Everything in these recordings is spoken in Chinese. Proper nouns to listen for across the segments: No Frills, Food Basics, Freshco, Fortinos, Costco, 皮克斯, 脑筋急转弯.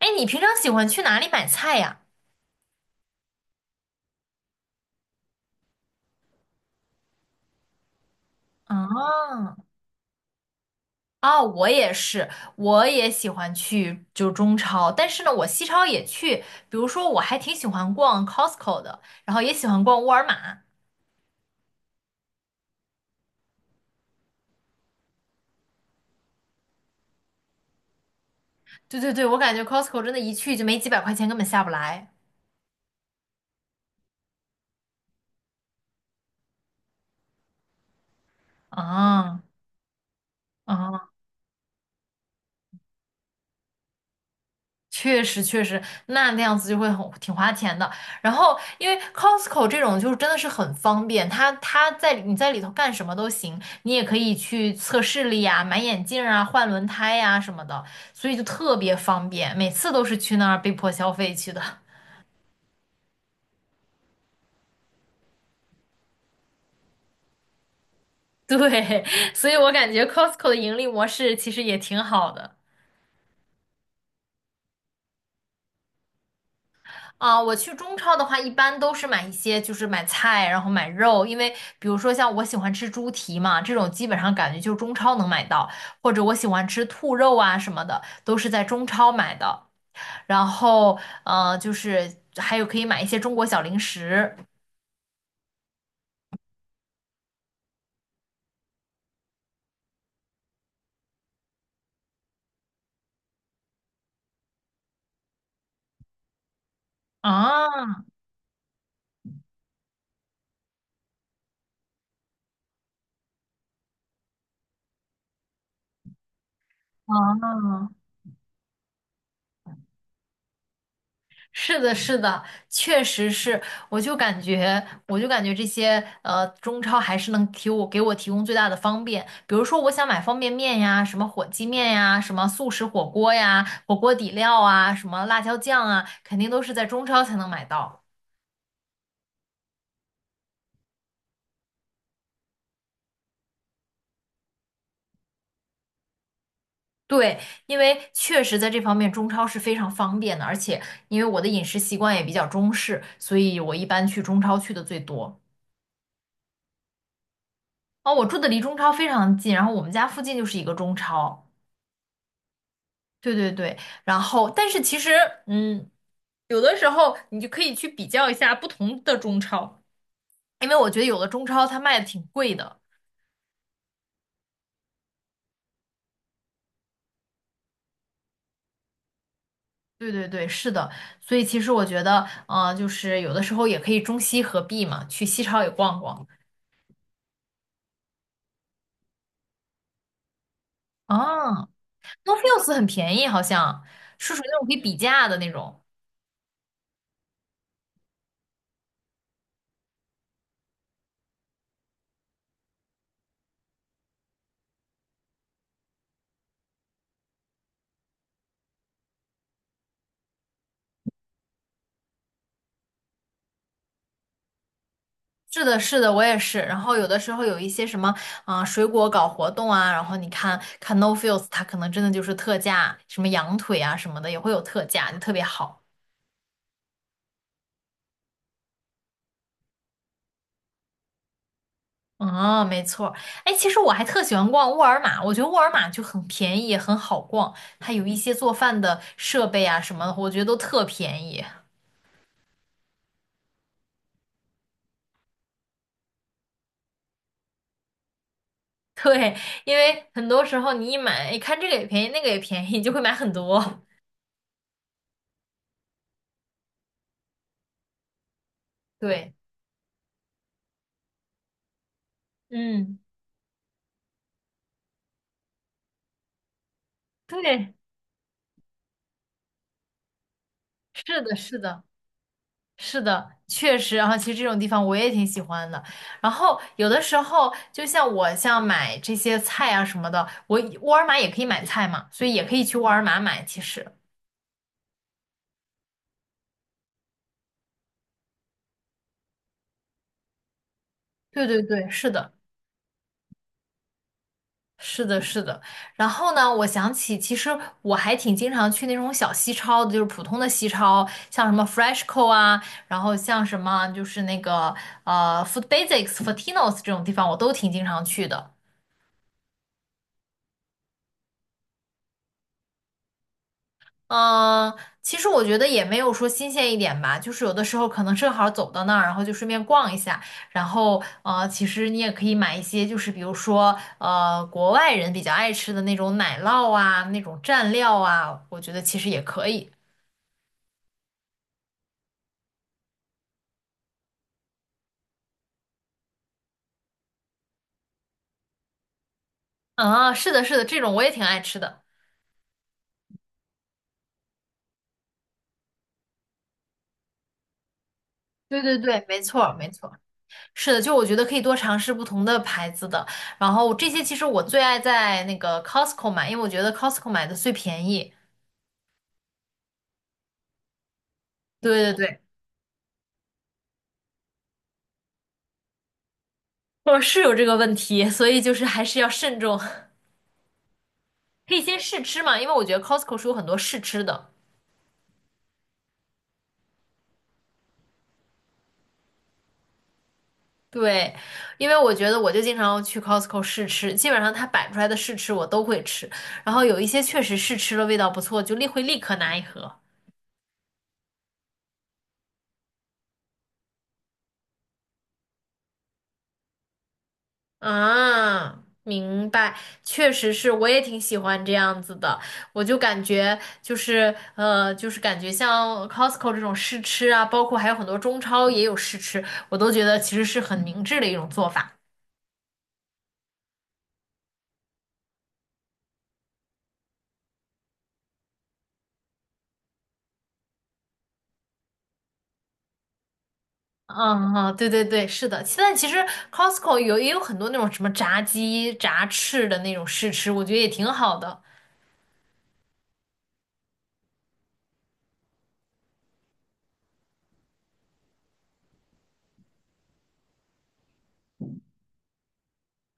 哎，你平常喜欢去哪里买菜呀？啊，哦，我也是，我也喜欢去就中超，但是呢，我西超也去，比如说我还挺喜欢逛 Costco 的，然后也喜欢逛沃尔玛。对对对，我感觉 Costco 真的，一去就没几百块钱，根本下不来。啊啊！确实确实，那样子就会很挺花钱的。然后，因为 Costco 这种就是真的是很方便，它在你在里头干什么都行，你也可以去测视力呀、买眼镜啊、换轮胎呀、什么的，所以就特别方便。每次都是去那儿被迫消费去的，对，所以我感觉 Costco 的盈利模式其实也挺好的。啊，我去中超的话，一般都是买一些，就是买菜，然后买肉，因为比如说像我喜欢吃猪蹄嘛，这种基本上感觉就是中超能买到，或者我喜欢吃兔肉啊什么的，都是在中超买的。然后，就是还有可以买一些中国小零食啊啊，是的，是的，确实是，我就感觉，我就感觉这些中超还是我给我提供最大的方便。比如说，我想买方便面呀，什么火鸡面呀，什么速食火锅呀，火锅底料啊，什么辣椒酱啊，肯定都是在中超才能买到。对，因为确实在这方面中超是非常方便的，而且因为我的饮食习惯也比较中式，所以我一般去中超去的最多。哦，我住的离中超非常近，然后我们家附近就是一个中超。对对对，然后但是其实，嗯，有的时候你就可以去比较一下不同的中超，因为我觉得有的中超它卖的挺贵的。对对对，是的，所以其实我觉得，就是有的时候也可以中西合璧嘛，去西超也逛逛。啊 No Frills 很便宜，好像是属于那种可以比价的那种。是的，是的，我也是。然后有的时候有一些什么，啊、水果搞活动啊，然后你看看 No Frills，它可能真的就是特价，什么羊腿啊什么的也会有特价，就特别好。嗯，没错儿。哎，其实我还特喜欢逛沃尔玛，我觉得沃尔玛就很便宜，也很好逛，它有一些做饭的设备啊什么的，我觉得都特便宜。对，因为很多时候你一买，一看这个也便宜，那个也便宜，你就会买很多。对，嗯，对，是的，是的。是的，确实，然后其实这种地方我也挺喜欢的。然后有的时候，就像我像买这些菜啊什么的，我沃尔玛也可以买菜嘛，所以也可以去沃尔玛买。其实，对对对，是的，是的，是的。然后呢，我想起其实我还挺经常去那种小西超的，就是普通的西超，像什么 Freshco 啊，然后像什么就是那个Food Basics、Fortinos 这种地方，我都挺经常去的。嗯，其实我觉得也没有说新鲜一点吧，就是有的时候可能正好走到那儿，然后就顺便逛一下，然后其实你也可以买一些，就是比如说国外人比较爱吃的那种奶酪啊，那种蘸料啊，我觉得其实也可以。嗯啊，是的，是的，这种我也挺爱吃的。对对对，没错儿没错儿，是的，就我觉得可以多尝试不同的牌子的，然后这些其实我最爱在那个 Costco 买，因为我觉得 Costco 买的最便宜。对对对。我是有这个问题，所以就是还是要慎重。可以先试吃嘛，因为我觉得 Costco 是有很多试吃的。对，因为我觉得我就经常去 Costco 试吃，基本上它摆出来的试吃我都会吃，然后有一些确实试吃了味道不错，就立刻拿一盒。啊，明白，确实是，我也挺喜欢这样子的。我就感觉就是就是感觉像 Costco 这种试吃啊，包括还有很多中超也有试吃，我都觉得其实是很明智的一种做法。嗯嗯，对对对，是的。现在其实 Costco 也有很多那种什么炸鸡、炸翅的那种试吃，我觉得也挺好的。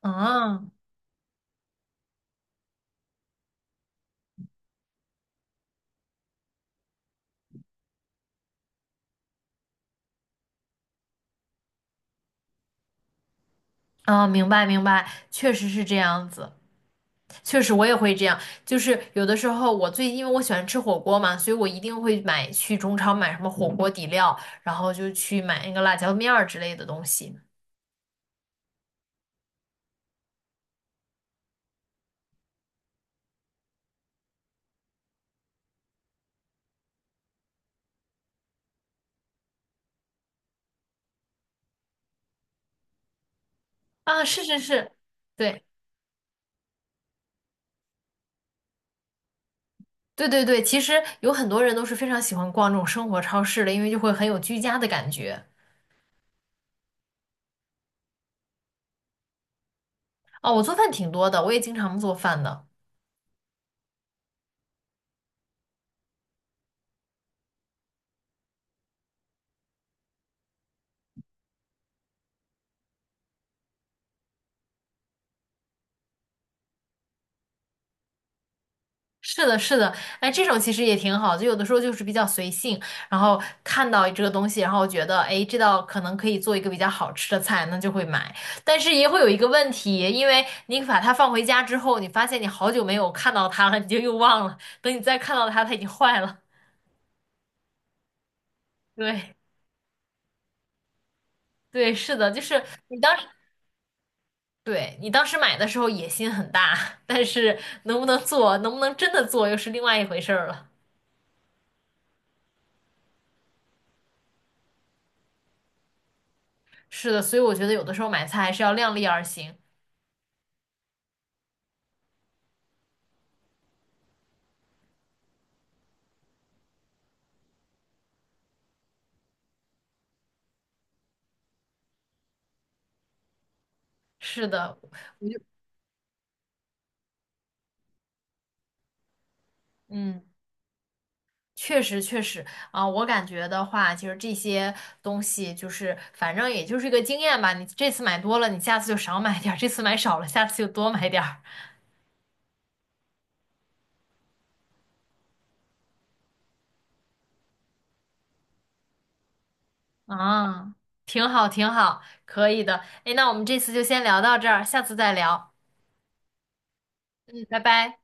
嗯嗯，明白明白，确实是这样子。确实我也会这样，就是有的时候因为我喜欢吃火锅嘛，所以我一定会去中超买什么火锅底料，然后就去买那个辣椒面儿之类的东西。啊，是是是，对对对对，其实有很多人都是非常喜欢逛这种生活超市的，因为就会很有居家的感觉。哦，我做饭挺多的，我也经常做饭的。是的，是的，哎，这种其实也挺好，就有的时候就是比较随性，然后看到这个东西，然后觉得，哎，这道可能可以做一个比较好吃的菜，那就会买。但是也会有一个问题，因为你把它放回家之后，你发现你好久没有看到它了，你就又忘了。等你再看到它，它已经坏了。对，对，是的，就是你当时，对，你当时买的时候野心很大，但是能不能做，能不能真的做，又是另外一回事儿了。是的，所以我觉得有的时候买菜还是要量力而行。是的，嗯，确实确实啊，我感觉的话，就是这些东西就是反正也就是一个经验吧。你这次买多了，你下次就少买点儿；这次买少了，下次就多买点儿。啊，挺好挺好，可以的。哎，那我们这次就先聊到这儿，下次再聊。嗯，拜拜。